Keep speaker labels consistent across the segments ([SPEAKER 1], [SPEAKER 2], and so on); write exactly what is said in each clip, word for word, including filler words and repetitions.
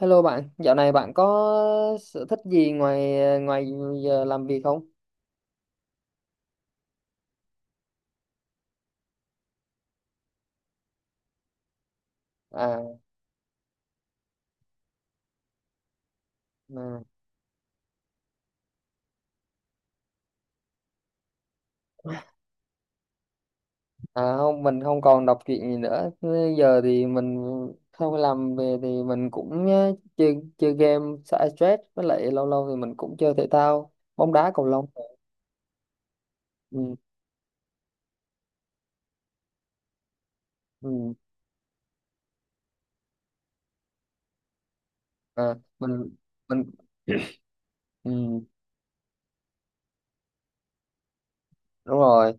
[SPEAKER 1] Hello bạn, dạo này bạn có sở thích gì ngoài ngoài giờ làm việc không? À, mà- À không, mình không còn đọc truyện gì nữa. Bây Giờ thì mình không làm về thì mình cũng ờ, chơi chơi game xả stress với lại lâu lâu thì mình cũng chơi thể thao, bóng đá, cầu lông. Ừ, ừ, à, mình mình ừ, đúng rồi.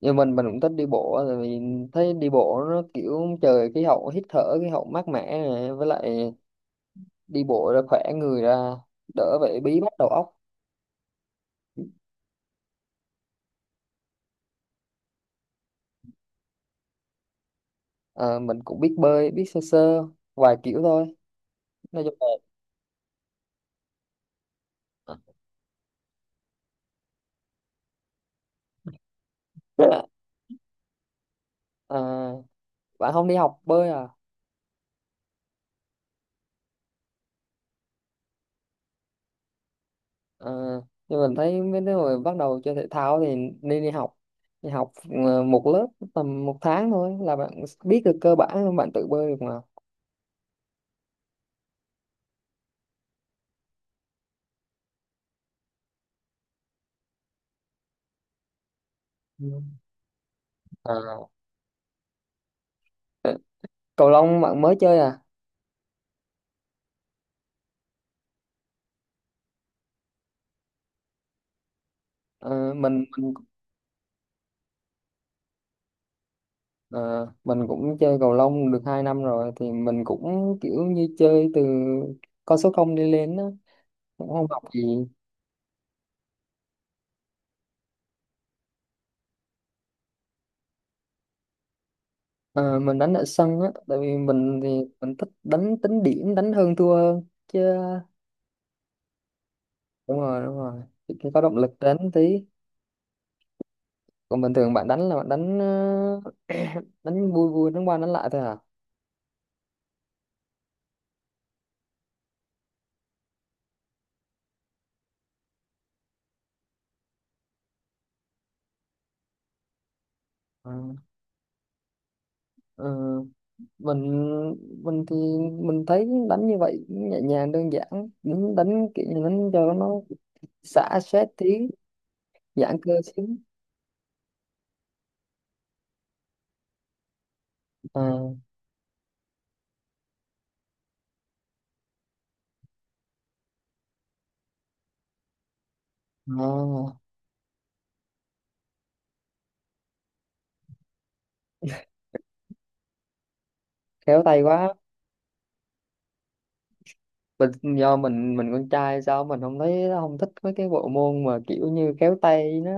[SPEAKER 1] Nhưng mình mình cũng thích đi bộ tại vì thấy đi bộ nó kiểu trời khí hậu, hít thở khí hậu mát mẻ này, với lại đi bộ ra khỏe người ra, đỡ phải bí bách đầu óc. Ờ, mình cũng biết bơi, biết sơ sơ vài kiểu thôi, nói chung là... Rất là- À, bạn không đi học bơi à? Ờ, nhưng mình thấy mấy đứa người bắt đầu chơi thể thao thì nên đi học đi học ờ, một lớp tầm một tháng thôi là bạn biết được cơ bản, bạn tự bơi được mà. Ừ. Ờ, cầu lông bạn mới chơi à? Ờ, mình Ờ, mình cũng chơi cầu lông được hai năm rồi thì mình cũng kiểu như chơi từ con số không đi lên á, cũng không học gì. Ờ, mình đánh ở sân á tại vì mình thì mình thích đánh tính điểm, đánh hơn thua hơn chứ. Đúng rồi, đúng rồi. Thì cái có động lực đánh tí. Còn bình thường bạn đánh là bạn đánh ờ, đánh vui vui, đánh qua đánh lại thôi à? Ờ, ờ, mình mình thì mình thấy đánh như vậy nhẹ nhàng đơn giản, đánh, đánh kiểu như đánh cho nó xả stress tí, giãn cơ xíu. ờ ờ, Khéo tay quá. Mình do mình mình con trai sao mình không thấy không thích mấy cái bộ môn mà kiểu như khéo tay nó,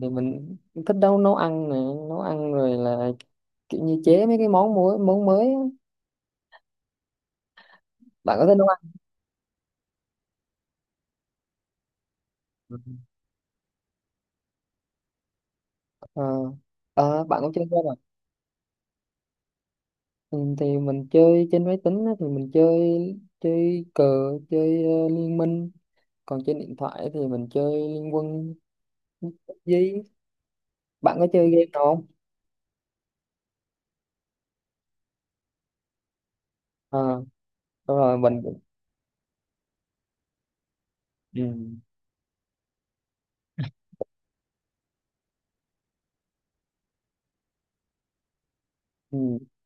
[SPEAKER 1] thì mình thích nấu nấu ăn nè, nấu ăn rồi là kiểu như chế mấy cái món mới, món mới á. Bạn có thích nấu ăn? Ừ. ờ Ờ, bạn cũng chơi game à? Ừ, thì mình chơi trên máy tính á, thì mình chơi chơi cờ, chơi ờ, liên minh, còn trên điện thoại thì mình chơi liên quân, pi u bi gi. Bạn có chơi game nào không? Ờ. Đúng rồi. Mình ừ. Ừ.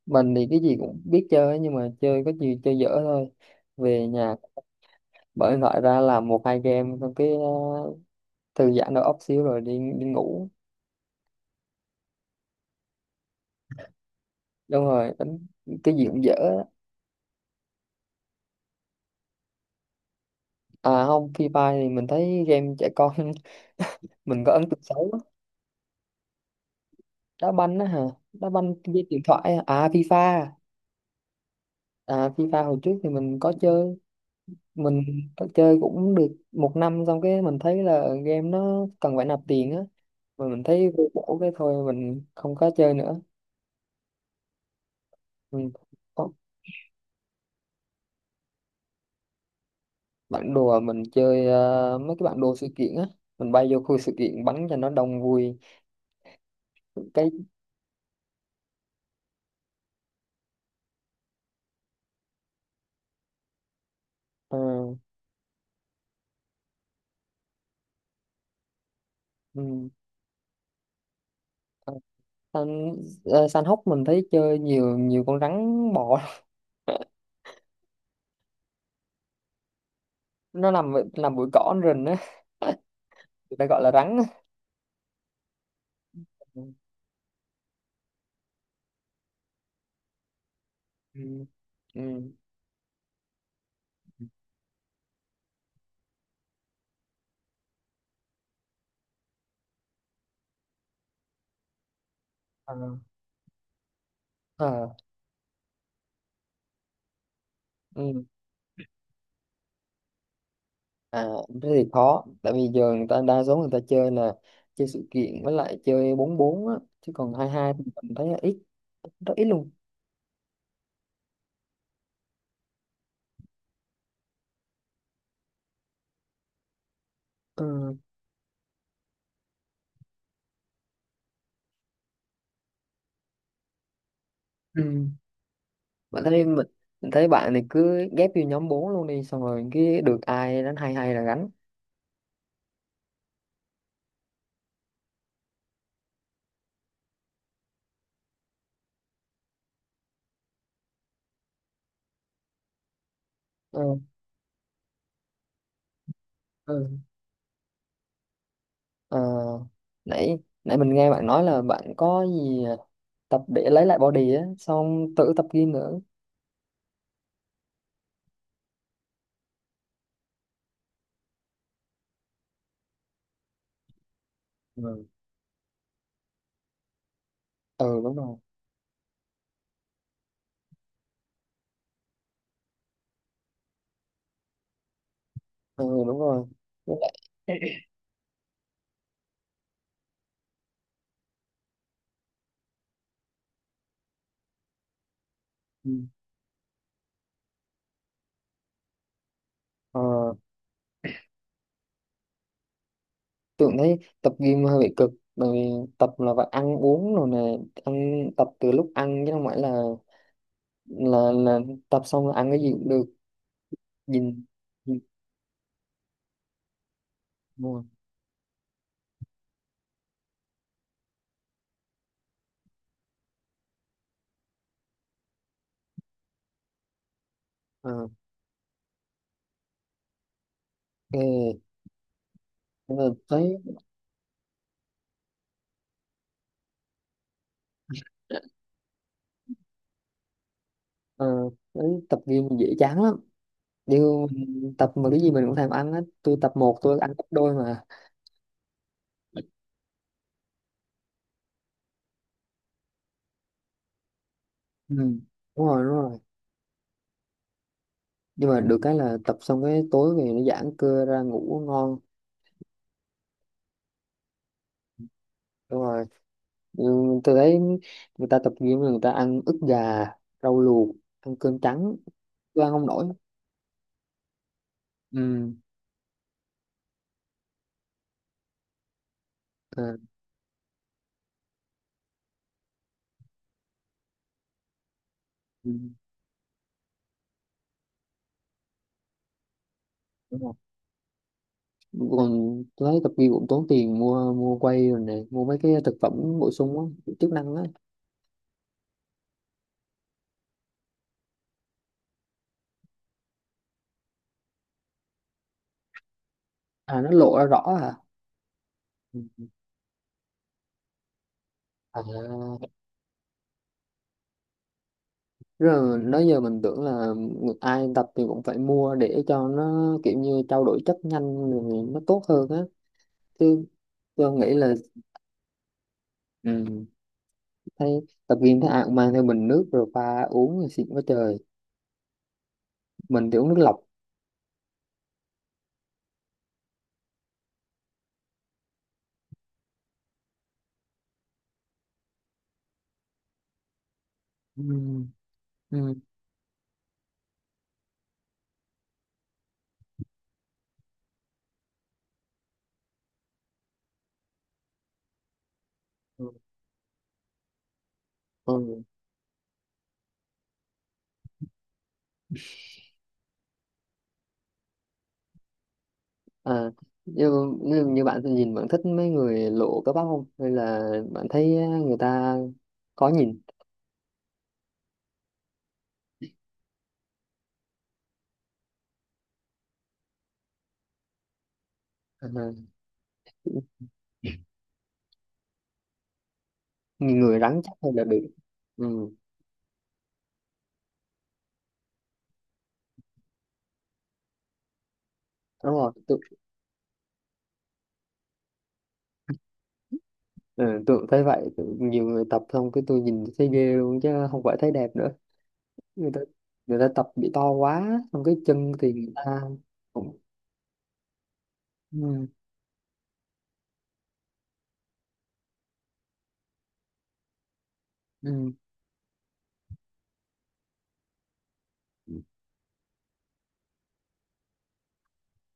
[SPEAKER 1] Mình thì cái gì cũng biết chơi ấy, nhưng mà chơi có gì chơi dở thôi. Về nhà mở điện thoại ra làm một hai game xong cái ờ, thư giãn đầu óc xíu rồi đi đi ngủ. Đúng rồi, đánh cái gì cũng dở á. À không, Free Fire thì mình thấy game trẻ con mình có ấn tượng xấu á. Đá banh á hả? Đá banh trên điện thoại á. À, FIFA. À, FIFA hồi trước thì mình có chơi, mình phải chơi cũng được một năm xong cái mình thấy là game nó cần phải nạp tiền á mà mình thấy vô bổ cái thôi, mình không có chơi nữa. Mình có Bản đồ à, mình chơi ờ, mấy cái bản đồ sự kiện á, mình bay vô khu sự kiện bắn cho nó đông vui cái. ờ, ừ, san, ờ, San hốc mình thấy chơi nhiều, nhiều con rắn bò nó nằm nằm bụi cỏ trên rừng á người ta gọi là rắn á. Ừ. Ừ. Ừ. Ờ, ờ, ừ. À, thế thì khó tại vì giờ người ta đa số người ta chơi là chơi sự kiện với lại chơi bốn bốn á, chứ còn hai hai thì mình thấy là ít, rất ít luôn. Ừ. Ừ. bạn thấy mình, mình thấy bạn này cứ ghép vô nhóm bốn luôn đi xong rồi cái được ai đánh hai hai là gánh. Ừ. Ừ. Ờ, nãy nãy mình nghe bạn nói là bạn có gì tập để lấy lại body á xong tự tập gym nữa. Ừ, ừ đúng rồi, ừ đúng rồi. Với lại- Ừ. Ờ, tưởng thấy tập gym hơi bị cực bởi vì tập là phải ăn uống rồi nè, ăn tập từ lúc ăn chứ không phải là là là tập xong là ăn cái gì cũng được. Nhìn nhìn mua À, ok. Nhưng mà thấy ờ, thấy tập gym dễ chán lắm. Điều tập mà cái gì mình cũng thèm ăn hết, tôi tập một tôi ăn gấp đôi mà. Ừ. Đúng rồi, đúng rồi. Nhưng mà được cái là tập xong cái tối về nó giãn cơ ra ngủ ngon. Đúng rồi. Ừ, tôi thấy người ta tập gym người ta ăn ức gà, rau luộc, ăn cơm trắng, tôi ăn không nổi. Ừ. À, ừ. Đúng rồi. Còn tôi thấy tập gym cũng tốn tiền, mua mua quay rồi này, mua mấy cái thực phẩm bổ sung á, chức năng á. À, nó lộ ra rõ hả? Ừ. À rồi nói giờ mình tưởng là ai tập thì cũng phải mua để cho nó kiểu như trao đổi chất nhanh rồi nó tốt hơn á, chứ tôi nghĩ là... Ừ. Thấy tập gym thấy ai cũng mang theo bình nước rồi pha uống thì xịn quá trời, mình thì uống nước lọc. Ừ. Ừ. Ừ. Ừ. À, như, như, như bạn thì nhìn bạn thích mấy người lộ cơ bắp không hay là bạn thấy à, người ta có nhìn à, nhìn người rắn chắc hay là được? Ừ. Đúng rồi. Tôi, ừ, tôi cũng thấy vậy. Tự- nhiều người tập xong cái tôi nhìn thấy ghê luôn chứ không phải thấy đẹp nữa, người ta người ta tập bị to quá xong cái chân thì người ta cũng. Ừ.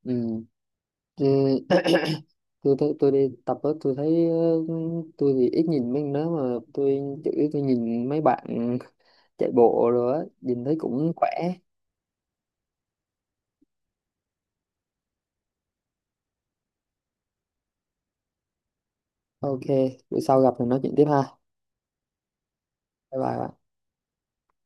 [SPEAKER 1] Ừ. Ừ. Tôi tôi, tôi đi tập đó tôi thấy ờ, tôi thì ít nhìn mấy đó mà tôi chủ yếu tôi nhìn mấy bạn chạy bộ rồi á, nhìn thấy cũng khỏe. Ok, bữa sau gặp thì nói chuyện tiếp ha, bye bye.